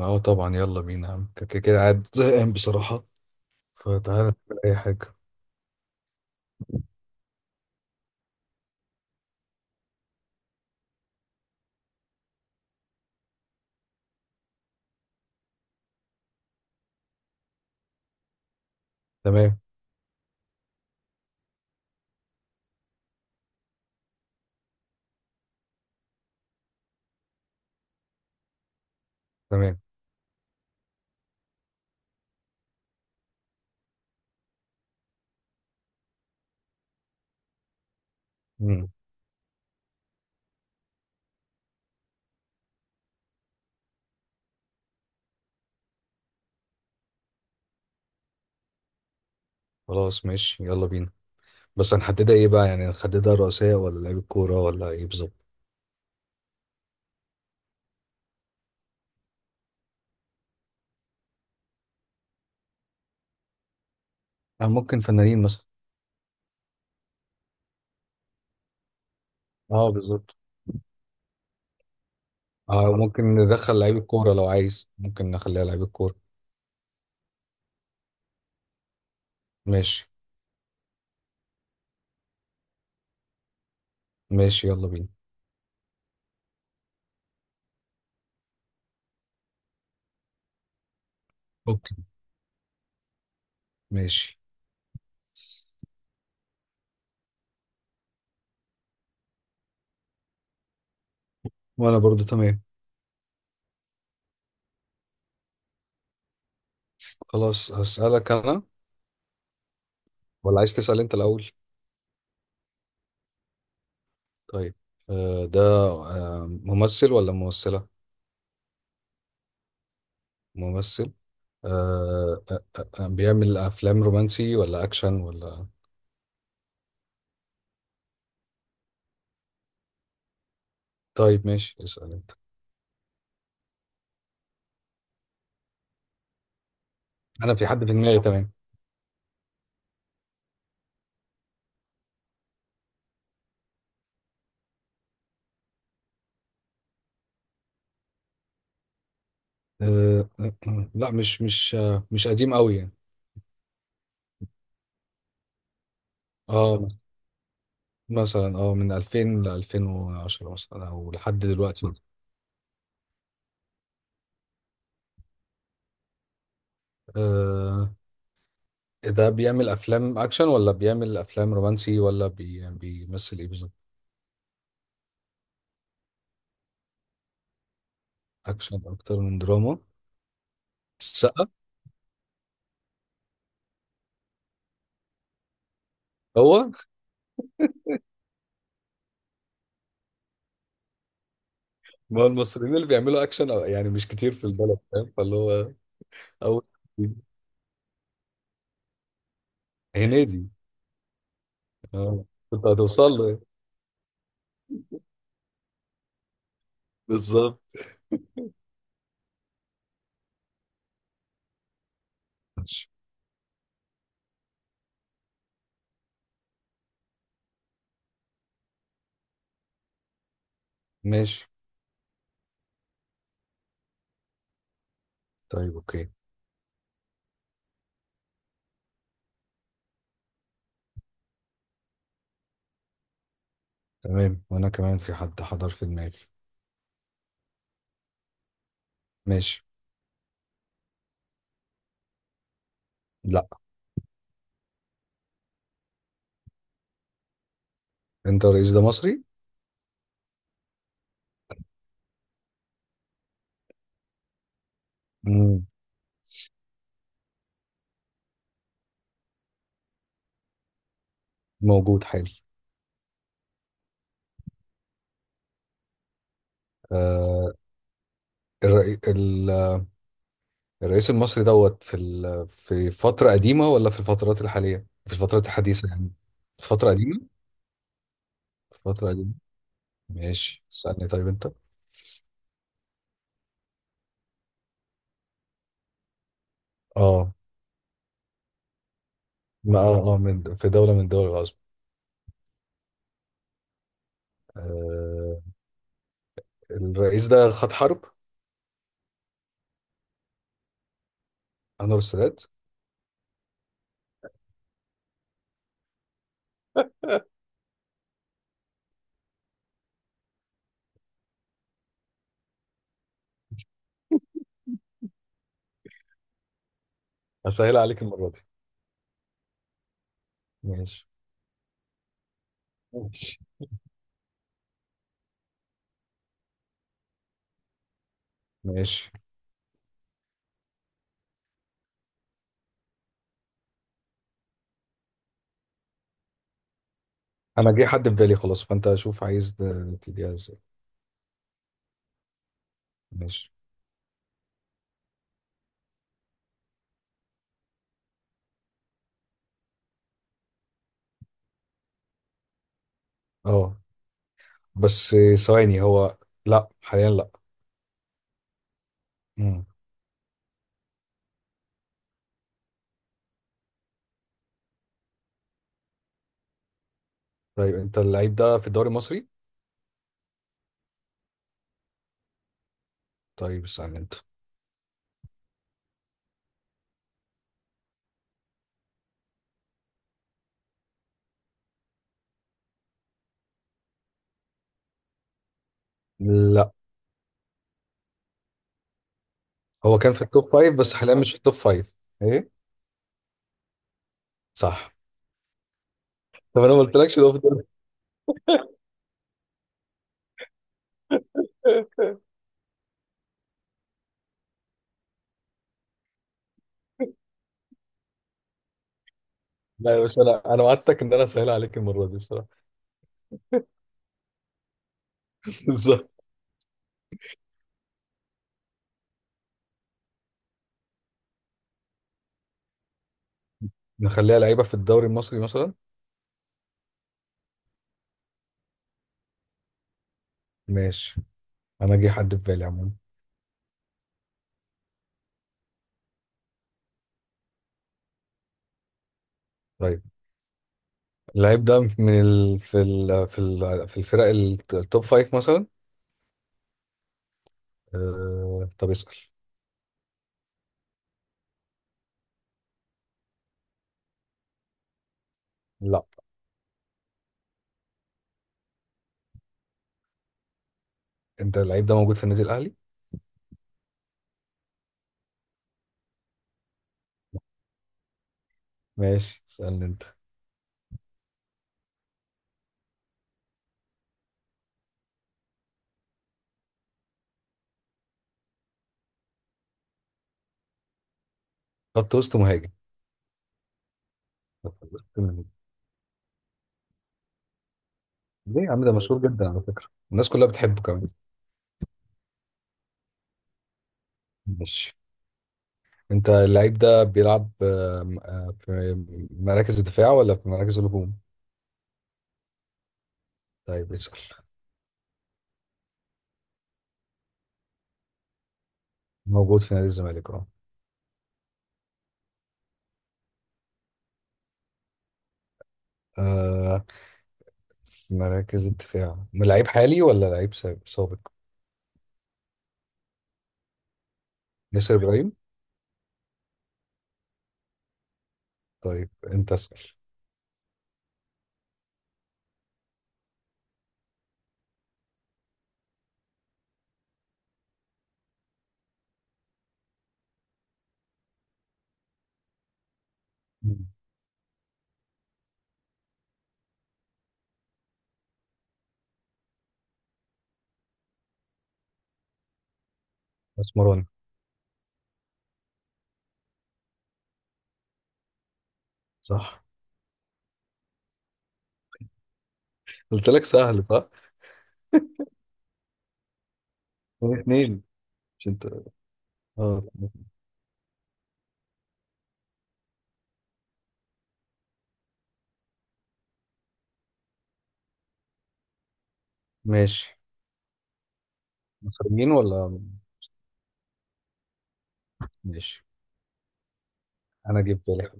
اه طبعا، يلا بينا يا عم. كده كده قاعد زهقان بصراحة، فتعالى نعمل أي حاجة. تمام. تمام. مم. خلاص، ماشي، يلا بينا. بس هنحددها ايه بقى؟ يعني هنحددها رئيسية ولا لعيب الكورة ولا ايه بالظبط؟ ممكن فنانين مثلا. اه، بالظبط. اه، ممكن ندخل لعيب الكورة. لو عايز ممكن نخليها لعيب الكورة. ماشي، ماشي، يلا بينا. اوكي. ماشي، وانا برضو تمام. خلاص، هسألك انا. ولا عايز تسأل انت الأول؟ طيب. ده ممثل ولا ممثلة؟ ممثل. بيعمل افلام رومانسي ولا اكشن ولا...؟ طيب ماشي، اسال انت. انا في حد في دماغي تمام. لا، مش قديم قوي يعني. اه، مثلا من 2000 ل 2010 مثلا او لحد دلوقتي. آه، ده بيعمل افلام اكشن ولا بيعمل افلام رومانسي ولا بيمثل ايه بالظبط؟ اكشن اكتر من دراما. السقا. هو ما هو المصريين اللي بيعملوا اكشن أو- يعني مش كتير في البلد، فاهم؟ فاللي هو. اول، هنيدي. اه. كنت هتوصل له ايه بالظبط؟ ماشي. ماشي. طيب، اوكي. تمام، وانا كمان في حد حضر في دماغي. ماشي. لا. انت، الرئيس ده مصري؟ مم. موجود حالي. آه الرئي... ال... الرئيس المصري دوت في فترة قديمة ولا في الفترات الحالية، في الفترات الحديثة يعني؟ فترة قديمة. فترة قديمة. ماشي، اسألني طيب انت. اه، ما من في دولة من دول العظمى. آه الرئيس ده خد حرب. انور السادات. هسهل عليك المرة دي. ماشي. ماشي. ماشي. انا جه حد في بالي خلاص، فانت شوف عايز ده- نبتديها ازاي؟ ماشي. اه بس ثواني هو. لا، حاليا لا. مم. طيب، انت اللعيب ده في الدوري المصري؟ طيب استنى انت. لا، هو كان في التوب فايف بس حاليا مش في التوب فايف. ايه. صح. طب انا ما قلتلكش ده في الدوري. لا يا باشا، انا وعدتك ان انا اسهل عليك المره دي بصراحه. بالظبط. نخليها لعيبه في الدوري المصري مثلا. ماشي. انا جه حد في بالي عموما. طيب، اللعيب ده من ال... في ال... في ال... التوب فايف مثلا. طب اسأل. لا. انت اللعيب ده موجود في النادي الاهلي؟ ماشي، اسألني انت. خط وسط مهاجم. خط وسط مهاجم. ليه يا عم؟ ده مشهور جدا على فكرة. الناس كلها بتحبه كمان. ماشي. انت اللعيب ده بيلعب آم، آه، في مراكز الدفاع ولا في مراكز الهجوم؟ طيب اسأل. موجود في نادي الزمالك، اه. آه، في مراكز الدفاع لعيب حالي ولا لعيب سابق؟ ياسر ابراهيم. طيب انت اسأل. مم. مسمارون. صح. قلت لك سهل، صح؟ اتنين اتنين. مش انت. اه. ماشي. مصريين ولا...؟ ماشي. انا جبت لك.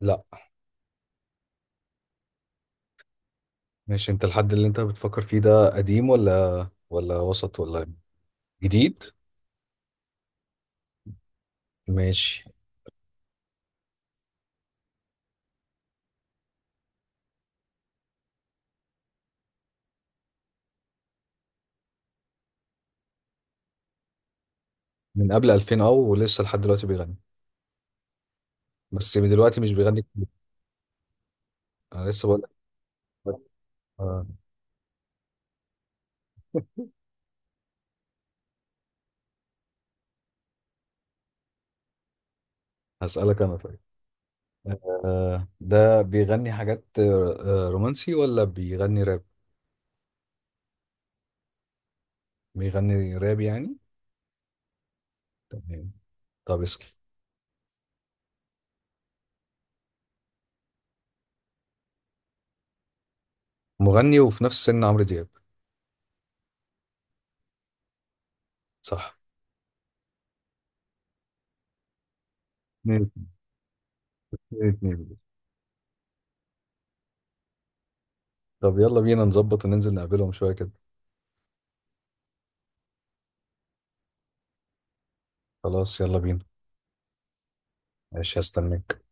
لا. ماشي، انت الحد اللي انت بتفكر فيه ده قديم ولا وسط ولا...؟ جديد. ماشي. من قبل 2000 او ولسه لحد دلوقتي بيغني؟ بس من دلوقتي مش بيغني كتير. انا لسه بقول لك. آه، هسألك انا طيب. ده بيغني حاجات رومانسي ولا بيغني راب؟ بيغني راب يعني. تمام. طب اسأل. مغني وفي نفس سن عمرو دياب. صح. اتنين اتنين. اتنين. طب يلا بينا نظبط وننزل نقابلهم شوية كده. خلاص، يلا بينا. ماشي، هستناك.